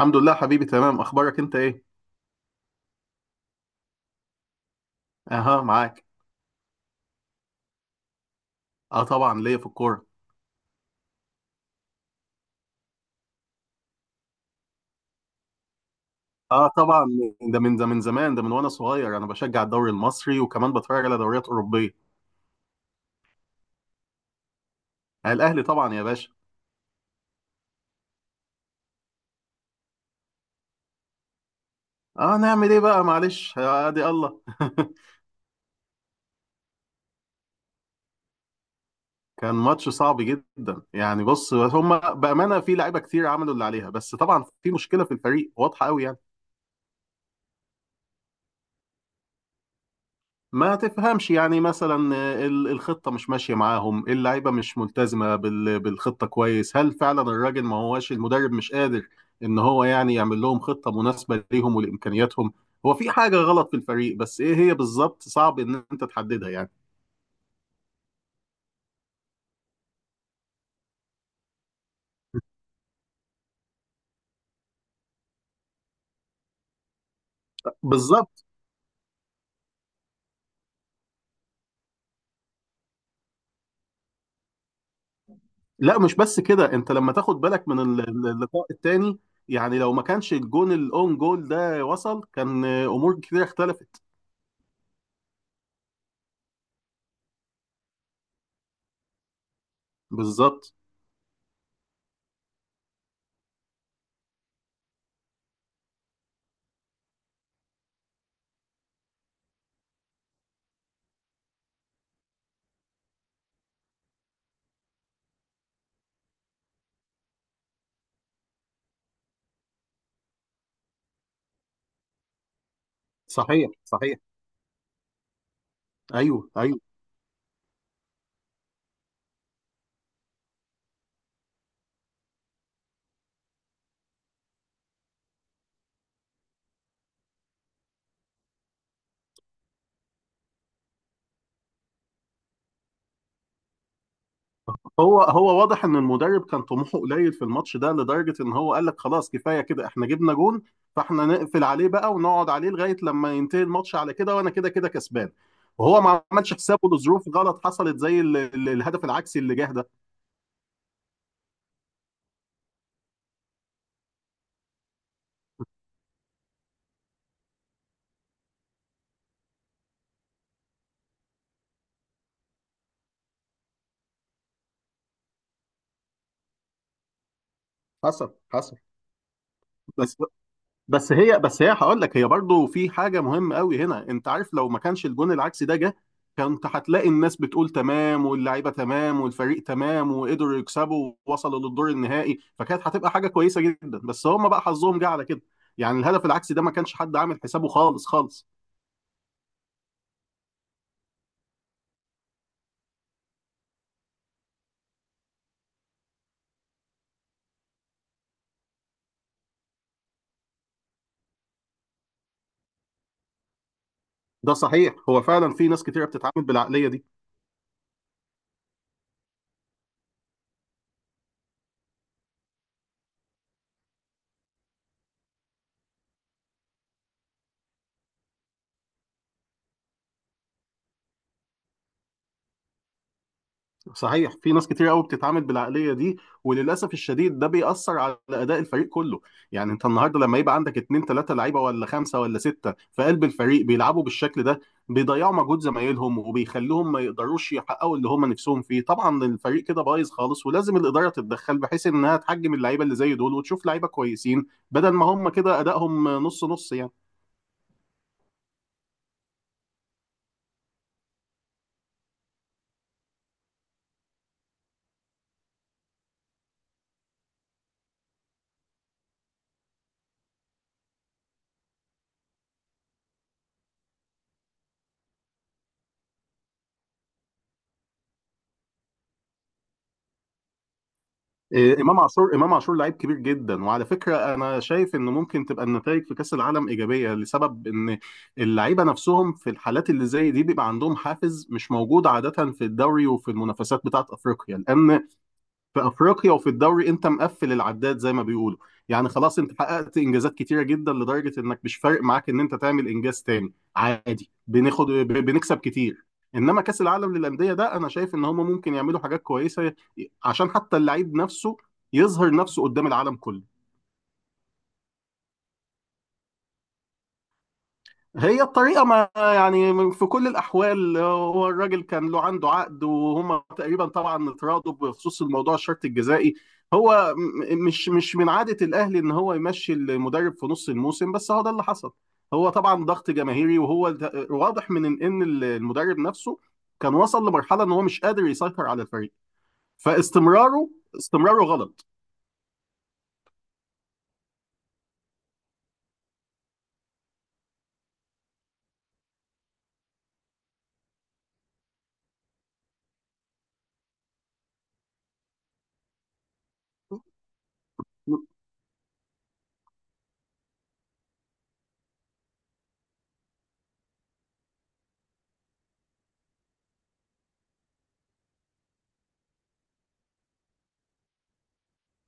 الحمد لله حبيبي، تمام. اخبارك انت ايه؟ اها، معاك. اه طبعا، ليا في الكوره. اه طبعا. ده من زمان، ده من وانا صغير انا بشجع الدوري المصري وكمان بتفرج على دوريات اوروبيه. آه، الاهلي طبعا يا باشا. اه، نعمل ايه بقى؟ معلش، ادي الله. كان ماتش صعب جدا يعني. بص، هم بامانه في لعيبه كتير، عملوا اللي عليها. بس طبعا في مشكله في الفريق واضحه قوي يعني. ما تفهمش يعني. مثلا، الخطة مش ماشية معاهم، اللعيبة مش ملتزمة بالخطة كويس. هل فعلا الراجل ما هواش المدرب، مش قادر ان هو يعني يعمل لهم خطة مناسبة ليهم ولإمكانياتهم. هو في حاجة غلط في الفريق، بس ايه هي بالظبط صعب ان انت تحددها يعني. بالظبط. لا، مش بس كده. انت لما تاخد بالك من اللقاء التاني، يعني لو ما كانش الجون الاون جول ده وصل، كان امور كتير اختلفت. بالظبط. صحيح، صحيح. ايوه، ايوه. هو واضح ان المدرب كان طموحه قليل في الماتش ده، لدرجه ان هو قال لك خلاص كفايه كده، احنا جبنا جون. فاحنا نقفل عليه بقى ونقعد عليه لغايه لما ينتهي الماتش على كده، وانا كده كده كسبان. وهو ما عملش حسابه لظروف غلط حصلت، زي الهدف العكسي اللي جه ده. حصل، حصل. بس بس هي هقول لك هي برضو في حاجه مهمه قوي هنا. انت عارف لو ما كانش الجون العكسي ده جه، كنت هتلاقي الناس بتقول تمام، واللعيبه تمام، والفريق تمام، وقدروا يكسبوا ووصلوا للدور النهائي، فكانت هتبقى حاجه كويسه جدا. بس هم بقى حظهم جه على كده. يعني الهدف العكسي ده، ما كانش حد عامل حسابه خالص خالص. ده صحيح، هو فعلا في ناس كتيره بتتعامل بالعقليه دي. صحيح، في ناس كتير قوي بتتعامل بالعقليه دي. وللاسف الشديد، ده بيأثر على اداء الفريق كله. يعني انت النهارده لما يبقى عندك اتنين تلاته لعيبه ولا خمسه ولا سته في قلب الفريق بيلعبوا بالشكل ده، بيضيعوا مجهود زمايلهم وبيخلوهم ما يقدروش يحققوا اللي هم نفسهم فيه. طبعا الفريق كده بايظ خالص، ولازم الاداره تتدخل بحيث انها تحجم اللعيبه اللي زي دول وتشوف لعيبه كويسين بدل ما هم كده ادائهم نص نص يعني. إيه، امام عاشور لعيب كبير جدا. وعلى فكره، انا شايف انه ممكن تبقى النتائج في كاس العالم ايجابيه، لسبب ان اللعيبه نفسهم في الحالات اللي زي دي بيبقى عندهم حافز مش موجود عاده في الدوري وفي المنافسات بتاعه افريقيا، لان في افريقيا وفي الدوري انت مقفل العداد زي ما بيقولوا. يعني خلاص، انت حققت انجازات كتيره جدا لدرجه انك مش فارق معاك ان انت تعمل انجاز تاني عادي، بنكسب كتير. انما كاس العالم للانديه ده، انا شايف ان هم ممكن يعملوا حاجات كويسه، عشان حتى اللعيب نفسه يظهر نفسه قدام العالم كله. هي الطريقة، ما يعني في كل الأحوال هو الراجل كان له عنده عقد، وهما تقريبا طبعا اتراضوا بخصوص الموضوع، الشرط الجزائي. هو مش من عادة الأهلي إن هو يمشي المدرب في نص الموسم، بس هو ده اللي حصل. هو طبعا ضغط جماهيري، وهو واضح من إن المدرب نفسه كان وصل لمرحلة إن هو مش قادر يسيطر على الفريق. فاستمراره استمراره غلط.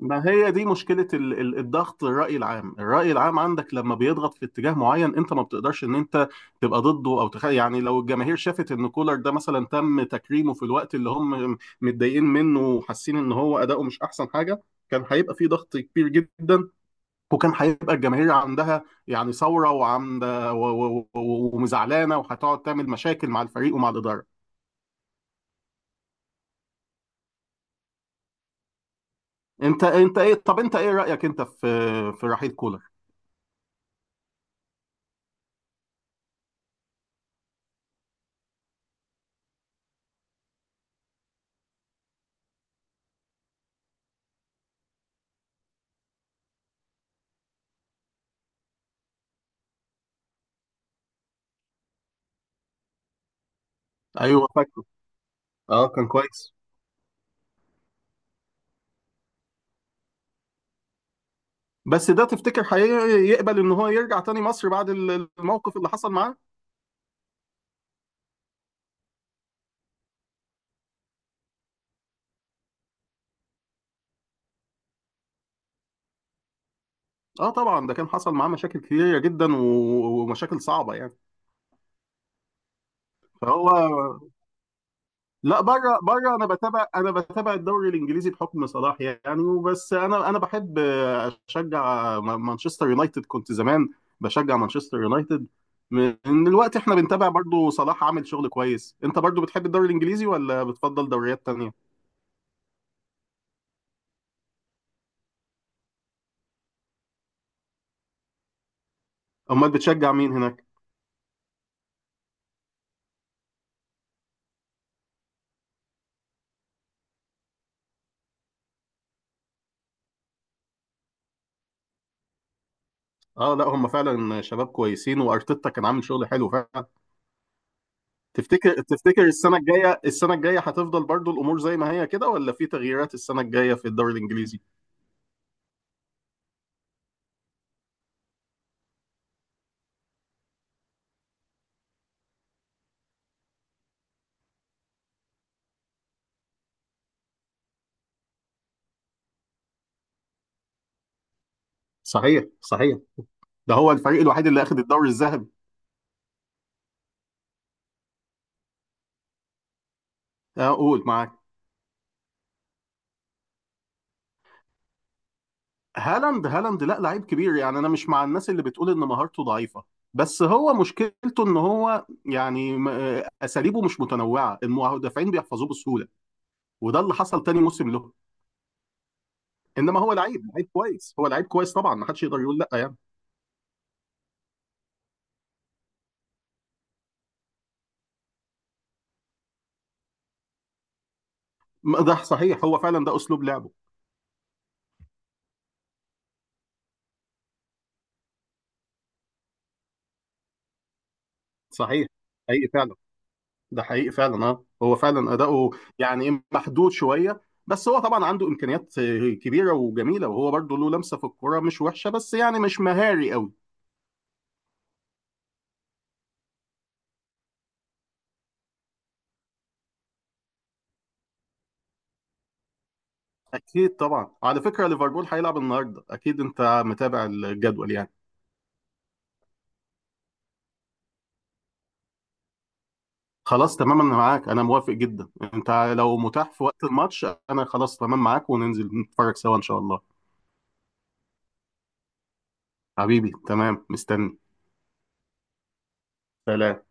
ما هي دي مشكلة الضغط، الرأي العام. الرأي العام عندك لما بيضغط في اتجاه معين، انت ما بتقدرش ان انت تبقى ضده او يعني لو الجماهير شافت ان كولر ده مثلا تم تكريمه في الوقت اللي هم متضايقين منه وحاسين ان هو اداؤه مش احسن حاجة، كان هيبقى في ضغط كبير جدا. وكان هيبقى الجماهير عندها يعني ثورة وعمدة ومزعلانة، وهتقعد تعمل مشاكل مع الفريق ومع الإدارة. انت انت ايه طب، انت ايه رأيك انت في في رحيل كولر؟ ايوه، فاكره. اه كان كويس. بس ده تفتكر هيقبل ان هو يرجع تاني مصر بعد الموقف اللي حصل معاه؟ اه طبعا، ده كان حصل معاه مشاكل كتيرة جدا ومشاكل صعبة يعني. فهو. لا، بره بره انا بتابع، الدوري الانجليزي بحكم صلاح يعني. وبس، انا بحب اشجع مانشستر يونايتد. كنت زمان بشجع مانشستر يونايتد من الوقت. احنا بنتابع برضو، صلاح عامل شغل كويس. انت برضو بتحب الدوري الانجليزي ولا بتفضل دوريات تانية؟ امال بتشجع مين هناك؟ اه لا، هم فعلا شباب كويسين، وارتيتا كان عامل شغل حلو فعلا. تفتكر السنه الجايه هتفضل برضو الامور زي ما هي كده، ولا في تغييرات السنه الجايه في الدوري الانجليزي؟ صحيح، صحيح. ده هو الفريق الوحيد اللي اخذ الدوري الذهبي. قول معاك. هالاند، لا، لعيب كبير يعني. انا مش مع الناس اللي بتقول ان مهارته ضعيفه، بس هو مشكلته ان هو يعني اساليبه مش متنوعه، المدافعين بيحفظوه بسهوله، وده اللي حصل تاني موسم له. انما هو لعيب كويس، هو لعيب كويس طبعا، ما حدش يقدر يقول لا يعني. ما ده صحيح، هو فعلا ده اسلوب لعبه. صحيح. حقيقي فعلا. ده حقيقي فعلا. اه، هو فعلا اداؤه يعني إيه، محدود شويه. بس هو طبعا عنده امكانيات كبيره وجميله، وهو برضه له لمسه في الكوره مش وحشه، بس يعني مش مهاري قوي. اكيد طبعا. على فكره، ليفربول هيلعب النهارده، اكيد انت متابع الجدول يعني. خلاص تمام، انا معاك. انا موافق جدا. انت، لو متاح في وقت الماتش، انا خلاص تمام معاك وننزل نتفرج سوا ان شاء الله. حبيبي تمام، مستني. سلام.